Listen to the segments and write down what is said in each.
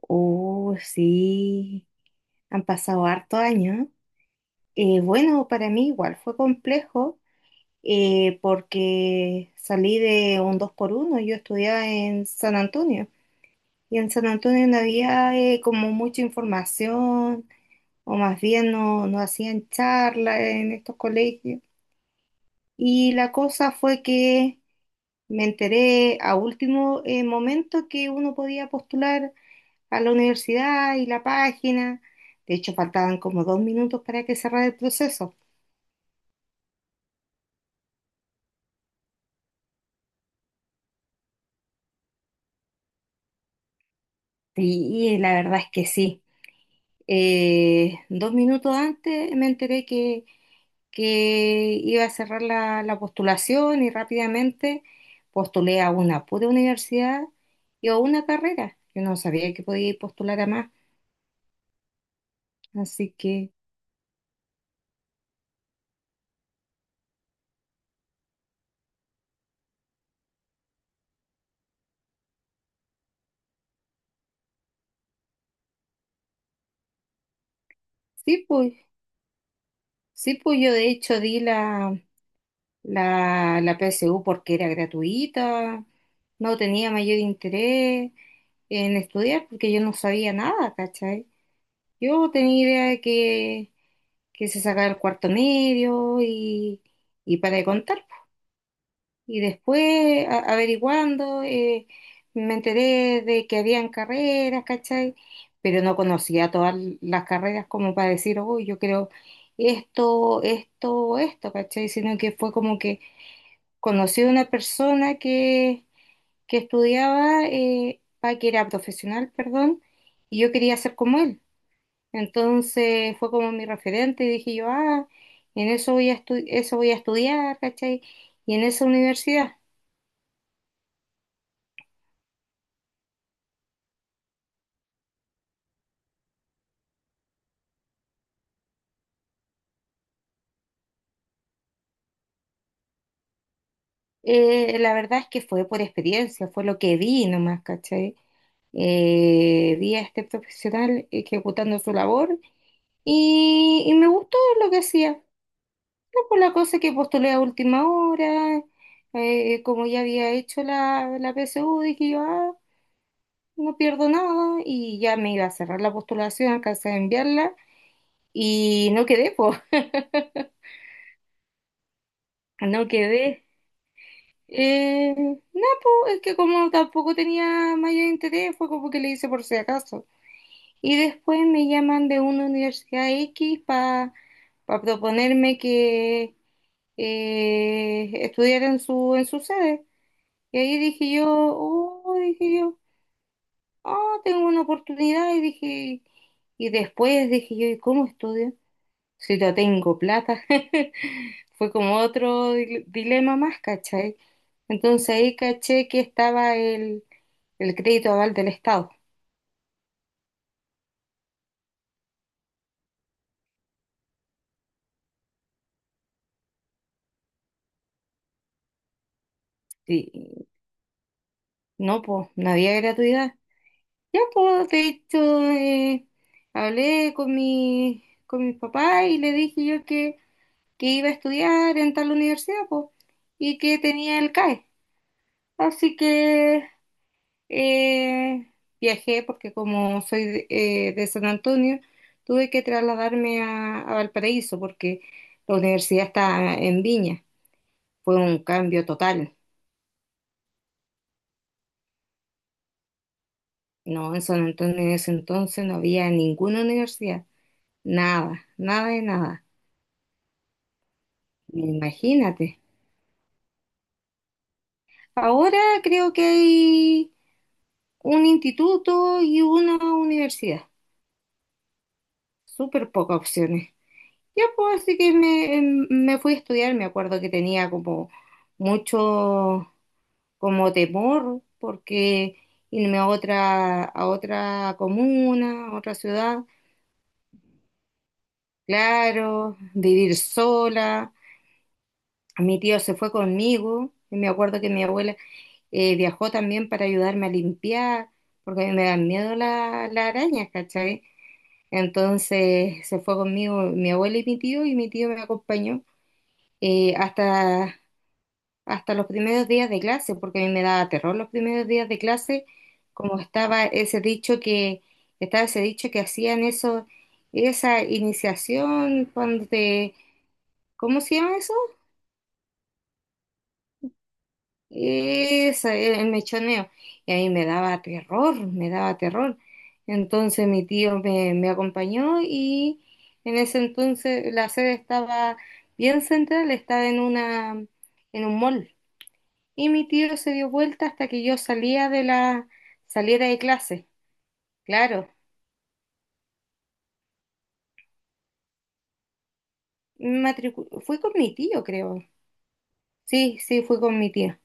Oh, sí, han pasado harto años. Bueno, para mí igual fue complejo porque salí de un 2 por uno. Yo estudiaba en San Antonio y en San Antonio no había como mucha información, o más bien no hacían charlas en estos colegios. Y la cosa fue que me enteré a último momento que uno podía postular a la universidad y la página. De hecho, faltaban como dos minutos para que cerrara el proceso. Sí, la verdad es que sí. Dos minutos antes me enteré que iba a cerrar la postulación, y rápidamente postulé a una pura universidad y a una carrera. Yo no sabía que podía ir postular a más. Así que sí, pues, sí, pues yo de hecho la PSU porque era gratuita, no tenía mayor interés en estudiar porque yo no sabía nada, ¿cachai? Yo tenía idea que se sacaba el cuarto medio y para de contar. Y después, averiguando, me enteré de que habían carreras, ¿cachai? Pero no conocía todas las carreras como para decir, uy, yo creo esto, esto, esto, ¿cachai? Sino que fue como que conocí a una persona que estudiaba, que era profesional, perdón, y yo quería ser como él. Entonces fue como mi referente y dije yo, ah, en eso voy a estu- eso voy a estudiar, ¿cachai? Y en esa universidad. La verdad es que fue por experiencia, fue lo que vi nomás, ¿cachai? Vi a este profesional ejecutando su labor y me gustó lo que hacía. Pues la cosa es que postulé a última hora, como ya había hecho la PSU, dije yo, ah, no pierdo nada, y ya me iba a cerrar la postulación, alcancé a enviarla, y no quedé, pues, no quedé. No, pues, es que como tampoco tenía mayor interés, fue como que le hice por si acaso. Y después me llaman de una universidad X para proponerme que estudiara en su sede. Y ahí dije yo, oh, dije yo, ah, tengo una oportunidad. Y dije, y después dije yo, ¿y cómo estudio? Si no tengo plata. Fue como otro dilema más, ¿cachai? Entonces ahí caché que estaba el crédito aval del Estado. Y no, pues, no había gratuidad. Ya, pues, de hecho, hablé con mi, con mis papás y le dije yo que iba a estudiar en tal universidad, po, y que tenía el CAE. Así que eh, viajé, porque como soy de San Antonio, tuve que trasladarme a Valparaíso, porque la universidad está en Viña. Fue un cambio total. No, en San Antonio en ese entonces no había ninguna universidad. Nada, nada de nada. Imagínate. Ahora creo que hay un instituto y una universidad. Súper pocas opciones. Ya pues así que me fui a estudiar, me acuerdo que tenía como mucho como temor porque irme a otra comuna, a otra ciudad, claro, vivir sola. Mi tío se fue conmigo, y me acuerdo que mi abuela viajó también para ayudarme a limpiar, porque a mí me dan miedo las arañas, ¿cachai? Entonces se fue conmigo mi abuela y mi tío me acompañó. eh, hasta, Hasta los primeros días de clase, porque a mí me daba terror los primeros días de clase, como estaba ese estaba ese dicho que hacían eso, esa iniciación cuando te, ¿cómo se llama eso? Esa, el mechoneo. Y a mí me daba terror, me daba terror. Entonces mi tío me, me acompañó y en ese entonces la sede estaba bien central, estaba en una, en un mall. Y mi tío se dio vuelta hasta que yo saliera de clase. Claro, fui con mi tío, creo. Sí, sí, fui con mi tío.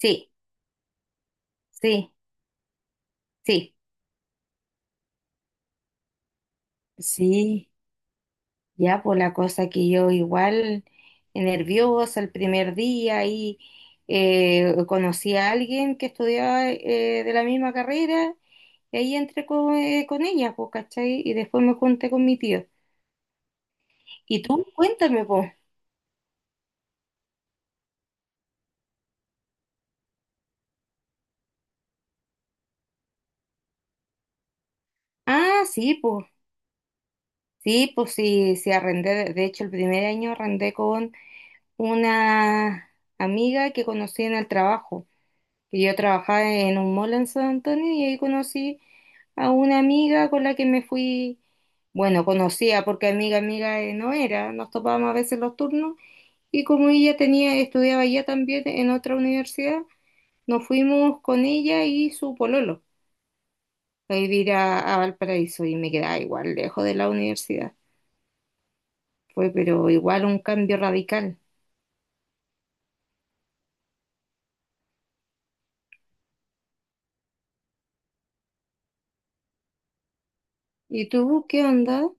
Sí, sí, sí. Sí, ya por la cosa que yo igual nerviosa el primer día, y conocí a alguien que estudiaba de la misma carrera y ahí entré con ella, pues, ¿cachai? Y después me junté con mi tío. ¿Y tú? Cuéntame, pues. Ah, sí, pues. Sí, pues sí, sí arrendé. De hecho, el primer año arrendé con una amiga que conocí en el trabajo. Que yo trabajaba en un mall en San Antonio y ahí conocí a una amiga con la que me fui, bueno, conocía porque amiga, amiga no era, nos topábamos a veces los turnos, y como ella tenía, estudiaba ya también en otra universidad, nos fuimos con ella y su pololo a vivir a Valparaíso, y me quedaba igual lejos de la universidad. Fue, pero igual un cambio radical. ¿Y tú qué onda?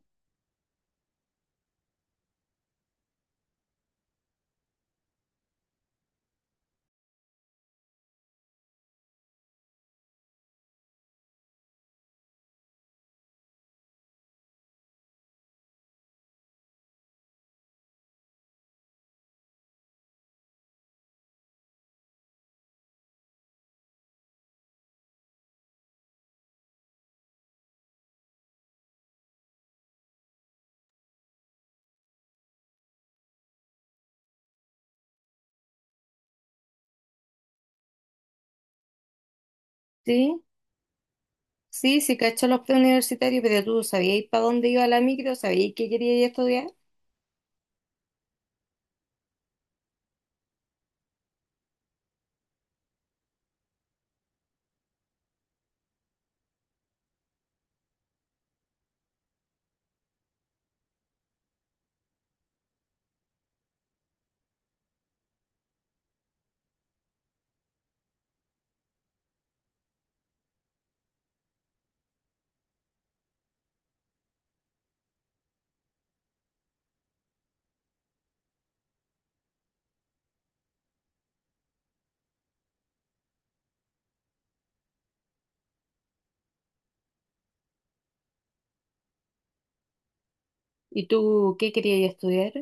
Sí, sí, sí, cachó los preuniversitarios, pero tú sabías para dónde iba la micro, sabías qué querías estudiar. ¿Y tú qué querías estudiar?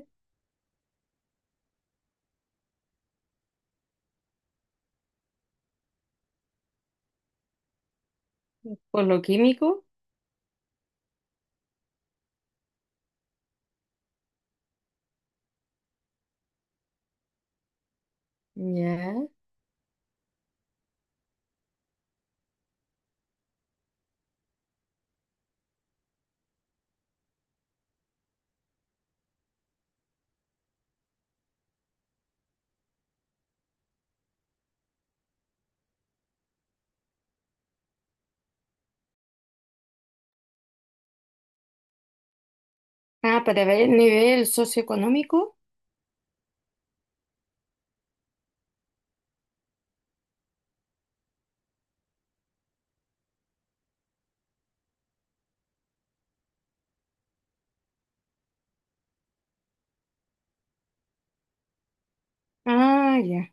¿Por lo químico? Ya. Ah, para ver el nivel socioeconómico. Ah, ya.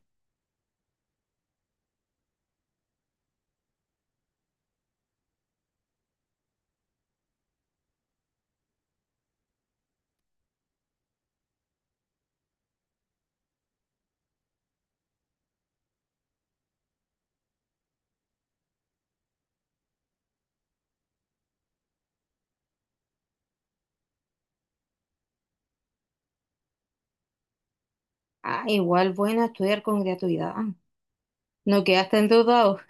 Ah, igual bueno estudiar con gratuidad. No quedaste endeudado.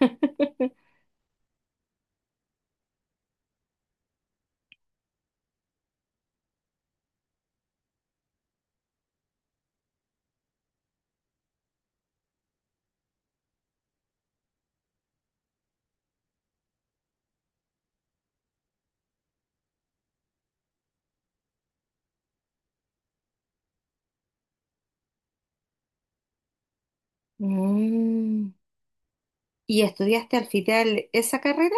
Mm. ¿Y estudiaste al final esa carrera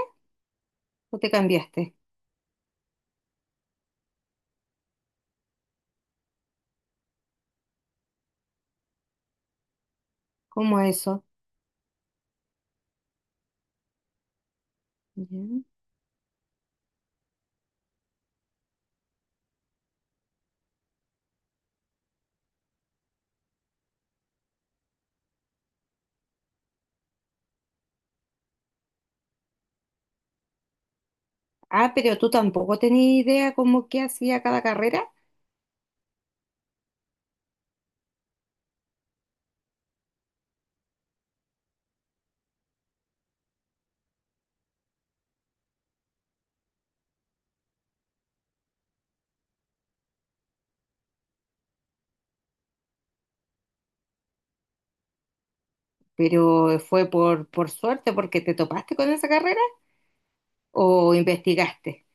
o te cambiaste? ¿Cómo eso? Ya. Ah, pero tú tampoco tenías idea como qué hacía cada carrera, pero fue por suerte porque te topaste con esa carrera o investigaste.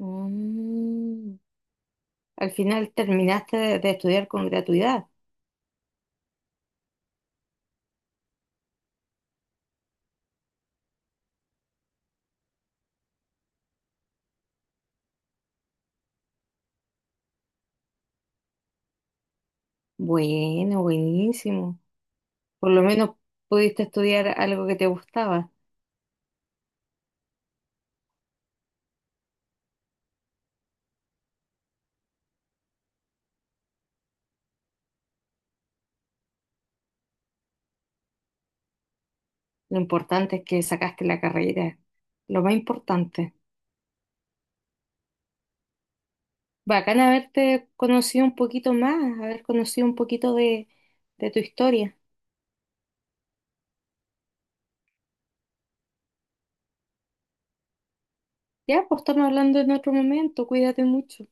Mm, al final terminaste de estudiar con gratuidad. Bueno, buenísimo. Por lo menos pudiste estudiar algo que te gustaba. Lo importante es que sacaste la carrera. Lo más importante. Bacán haberte conocido un poquito más, haber conocido un poquito de tu historia. Ya, pues estamos hablando en otro momento, cuídate mucho.